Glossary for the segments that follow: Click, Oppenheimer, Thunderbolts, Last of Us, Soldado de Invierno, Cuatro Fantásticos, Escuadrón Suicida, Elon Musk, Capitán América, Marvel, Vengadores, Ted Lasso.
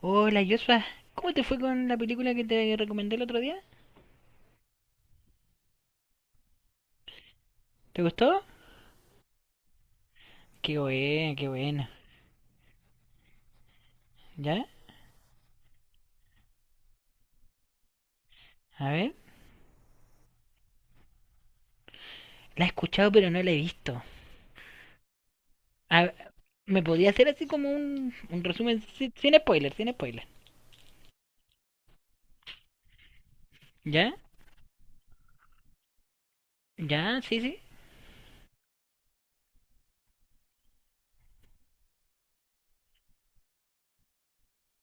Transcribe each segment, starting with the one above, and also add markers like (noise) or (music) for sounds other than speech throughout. Hola Joshua, ¿cómo te fue con la película que te recomendé el otro día? ¿Te gustó? Qué buena, qué buena. ¿Ya? A ver. La he escuchado pero no la he visto. A- ¿Me podía hacer así como un resumen sin spoiler, sin spoiler? ¿Ya? ¿Ya? Sí, sí.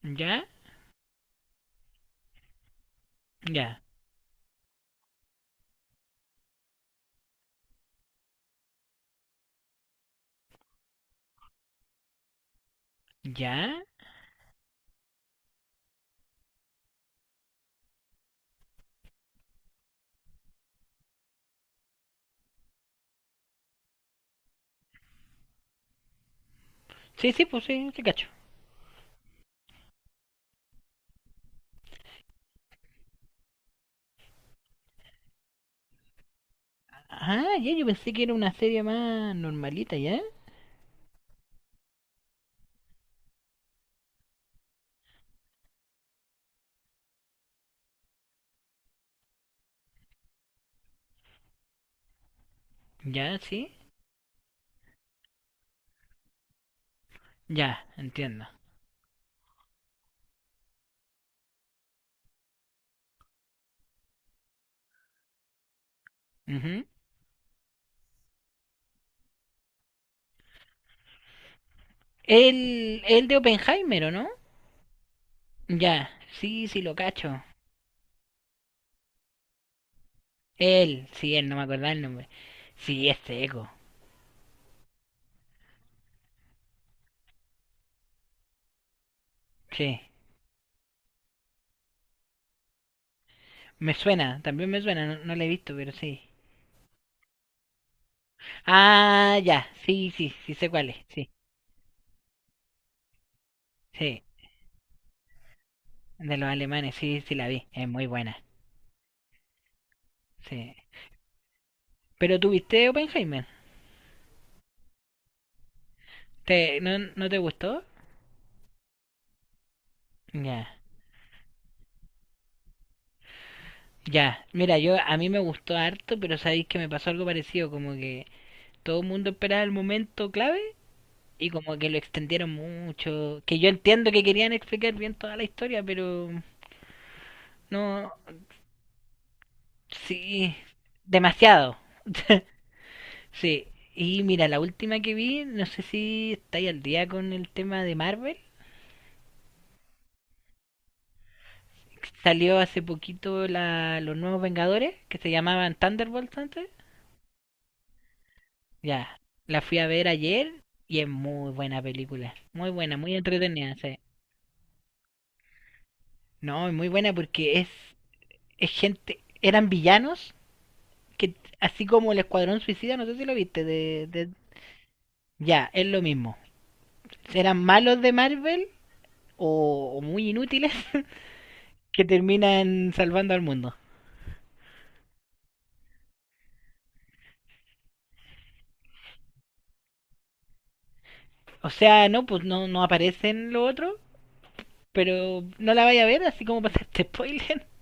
¿Ya? ¿Ya? ¿Ya? Sí, sí, pues sí, sí cacho. Ah, ya, yo pensé que era una serie más normalita, ¿ya? ¿Ya? Sí. Ya, entiendo. Ujú. El de Oppenheimer, ¿o no? Ya, sí, sí, lo cacho. Él, sí, él, no me acordaba el nombre. Sí, es seco. Sí. Me suena, también me suena, no, no lo he visto, pero sí. Ah, ya, sí, sí, sí sé cuál es. Sí, sí. De los alemanes, sí, sí la vi. Es muy buena. Sí. Pero tú viste Oppenheimer. No, no te gustó? Ya. Ya. Mira, yo a mí me gustó harto, pero sabéis que me pasó algo parecido, como que todo el mundo esperaba el momento clave y como que lo extendieron mucho, que yo entiendo que querían explicar bien toda la historia, pero no. Sí, demasiado. Sí. Y mira, la última que vi, no sé si estáis al día con el tema de Marvel. Salió hace poquito la, los nuevos Vengadores, que se llamaban Thunderbolts antes. Ya, la fui a ver ayer y es muy buena película. Muy buena, muy entretenida, sí. No, es muy buena porque es gente, eran villanos que, así como el Escuadrón Suicida, no sé si lo viste, ya, es lo mismo. Eran malos de Marvel o muy inútiles que terminan salvando al mundo. O sea, no, pues no, no aparecen lo otro, pero no la vaya a ver, así como (laughs) pasa este spoiler. (laughs)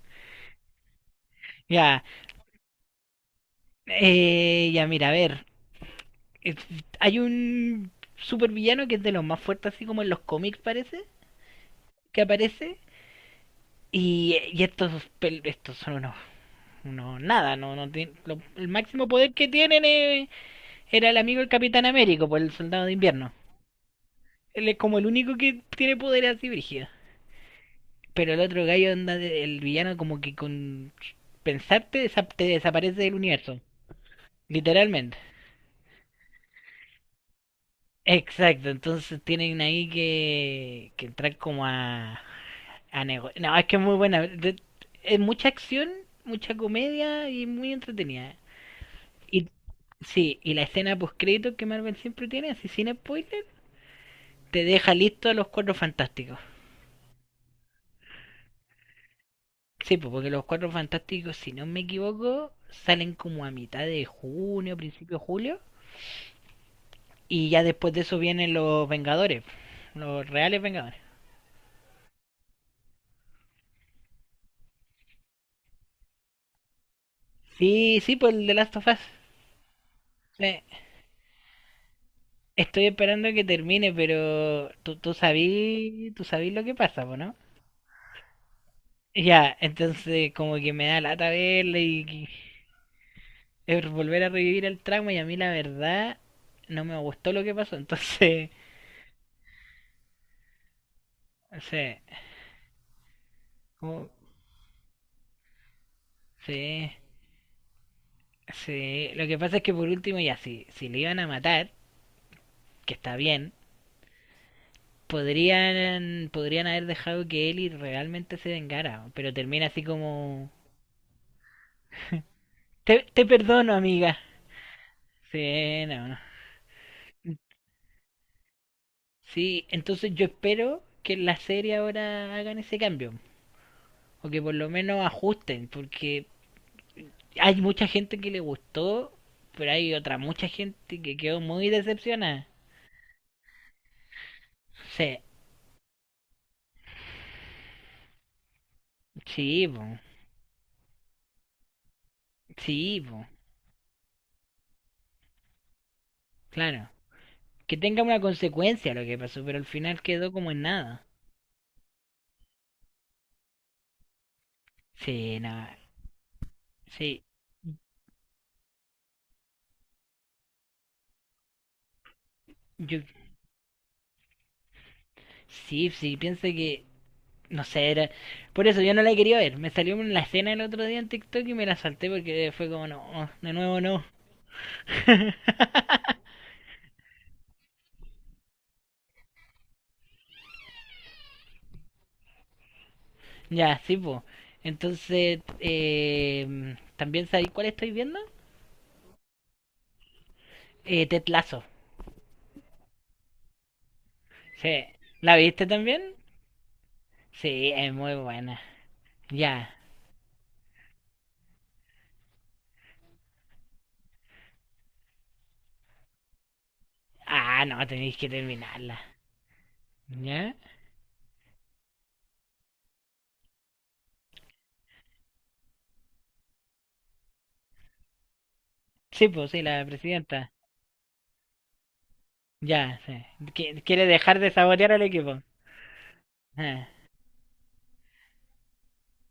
Ya, ya mira, a ver, es- hay un supervillano que es de los más fuertes, así como en los cómics parece, que aparece, y estos, estos son unos, unos nada, no, no tien- lo- el máximo poder que tienen era el amigo del Capitán Américo, por el Soldado de Invierno. Él es como el único que tiene poder así, brígido. Pero el otro gallo, onda, el villano, como que con te desaparece del universo. Literalmente. Exacto, entonces tienen ahí que entrar como a no, es que es muy buena. Es mucha acción, mucha comedia y muy entretenida. Y sí, y la escena post-crédito que Marvel siempre tiene, así sin spoiler, te deja listo a los cuatro fantásticos. Sí, pues porque los cuatro fantásticos, si no me equivoco, salen como a mitad de junio, principio de julio. Y ya después de eso vienen los Vengadores, los reales Vengadores. Sí, sí, pues el de Last of Us. Sí. Estoy esperando que termine, pero tú, tú sabí lo que pasa, po, ¿no? Ya, entonces como que me da lata verle y que- es volver a revivir el trauma y a mí la verdad no me gustó lo que pasó, entonces, (laughs) sí, como- sí, sí. Lo que pasa es que por último ya, si le iban a matar, que está bien, podrían haber dejado que Ellie realmente se vengara, pero termina así como... Te perdono, amiga. Sí, no, no. Sí, entonces yo espero que en la serie ahora hagan ese cambio, o que por lo menos ajusten, porque hay mucha gente que le gustó, pero hay otra mucha gente que quedó muy decepcionada. Sí, sí, po, sí, po, claro. Que tenga una consecuencia lo que pasó, pero al final quedó como en nada. Sí, nada, sí. Yo. Sí, sí, piensa que. No sé, era. Por eso yo no la quería ver. Me salió en la escena el otro día en TikTok y me la salté porque fue como, no, de nuevo no. (laughs) Ya, sí, po. Entonces, ¿también sabéis cuál estoy viendo? Ted Lasso. Sí. ¿La viste también? Sí, es muy buena. Ya. Ah, no, tenéis que terminarla. ¿Ya? Sí, pues sí, la presidenta. Ya, sí. Quiere dejar de sabotear al equipo. Ah.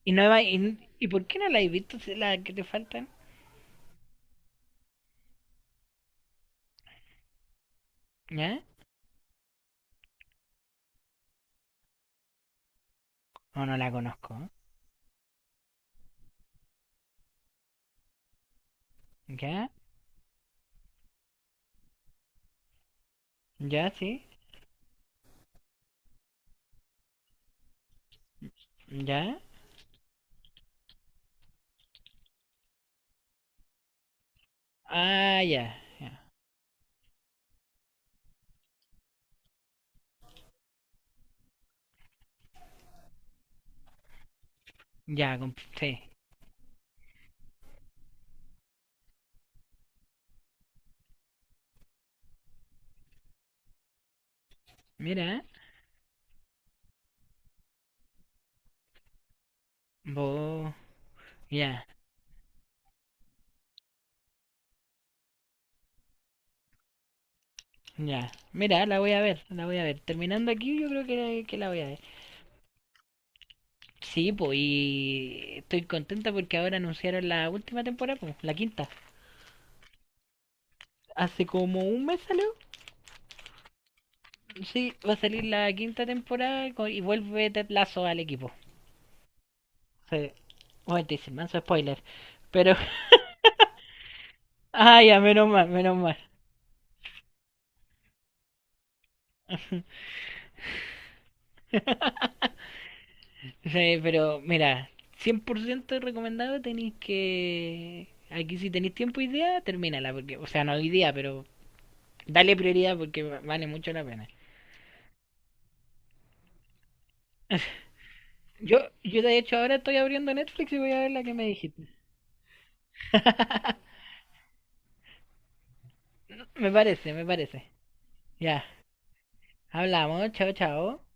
¿Y por qué no la has visto si la que te faltan? ¿Ya? O no la conozco. ¿Eh? ¿Ya? ¿Ya? ¿Sí? ¿Ya? Ah, ya. Ya, sí. Mira. Vos. Ya. Ya. Mira, la voy a ver. La voy a ver. Terminando aquí, yo creo que la voy a ver. Sí, pues, y estoy contenta porque ahora anunciaron la última temporada, pues, la quinta. Hace como un mes salió. Sí, va a salir la quinta temporada y vuelve Ted Lasso al equipo. Sí. Bueno, te dicen, manso spoiler. Pero, (laughs) ah, ya, menos mal, menos mal. Sí, pero mira, 100% recomendado tenéis que... Aquí si tenéis tiempo y idea, termínala, porque, o sea, no hoy día, pero dale prioridad porque vale mucho la pena. Yo, yo de hecho ahora estoy abriendo Netflix y voy a ver la que me dijiste. Me parece, me parece. Ya, hablamos, chao, chao.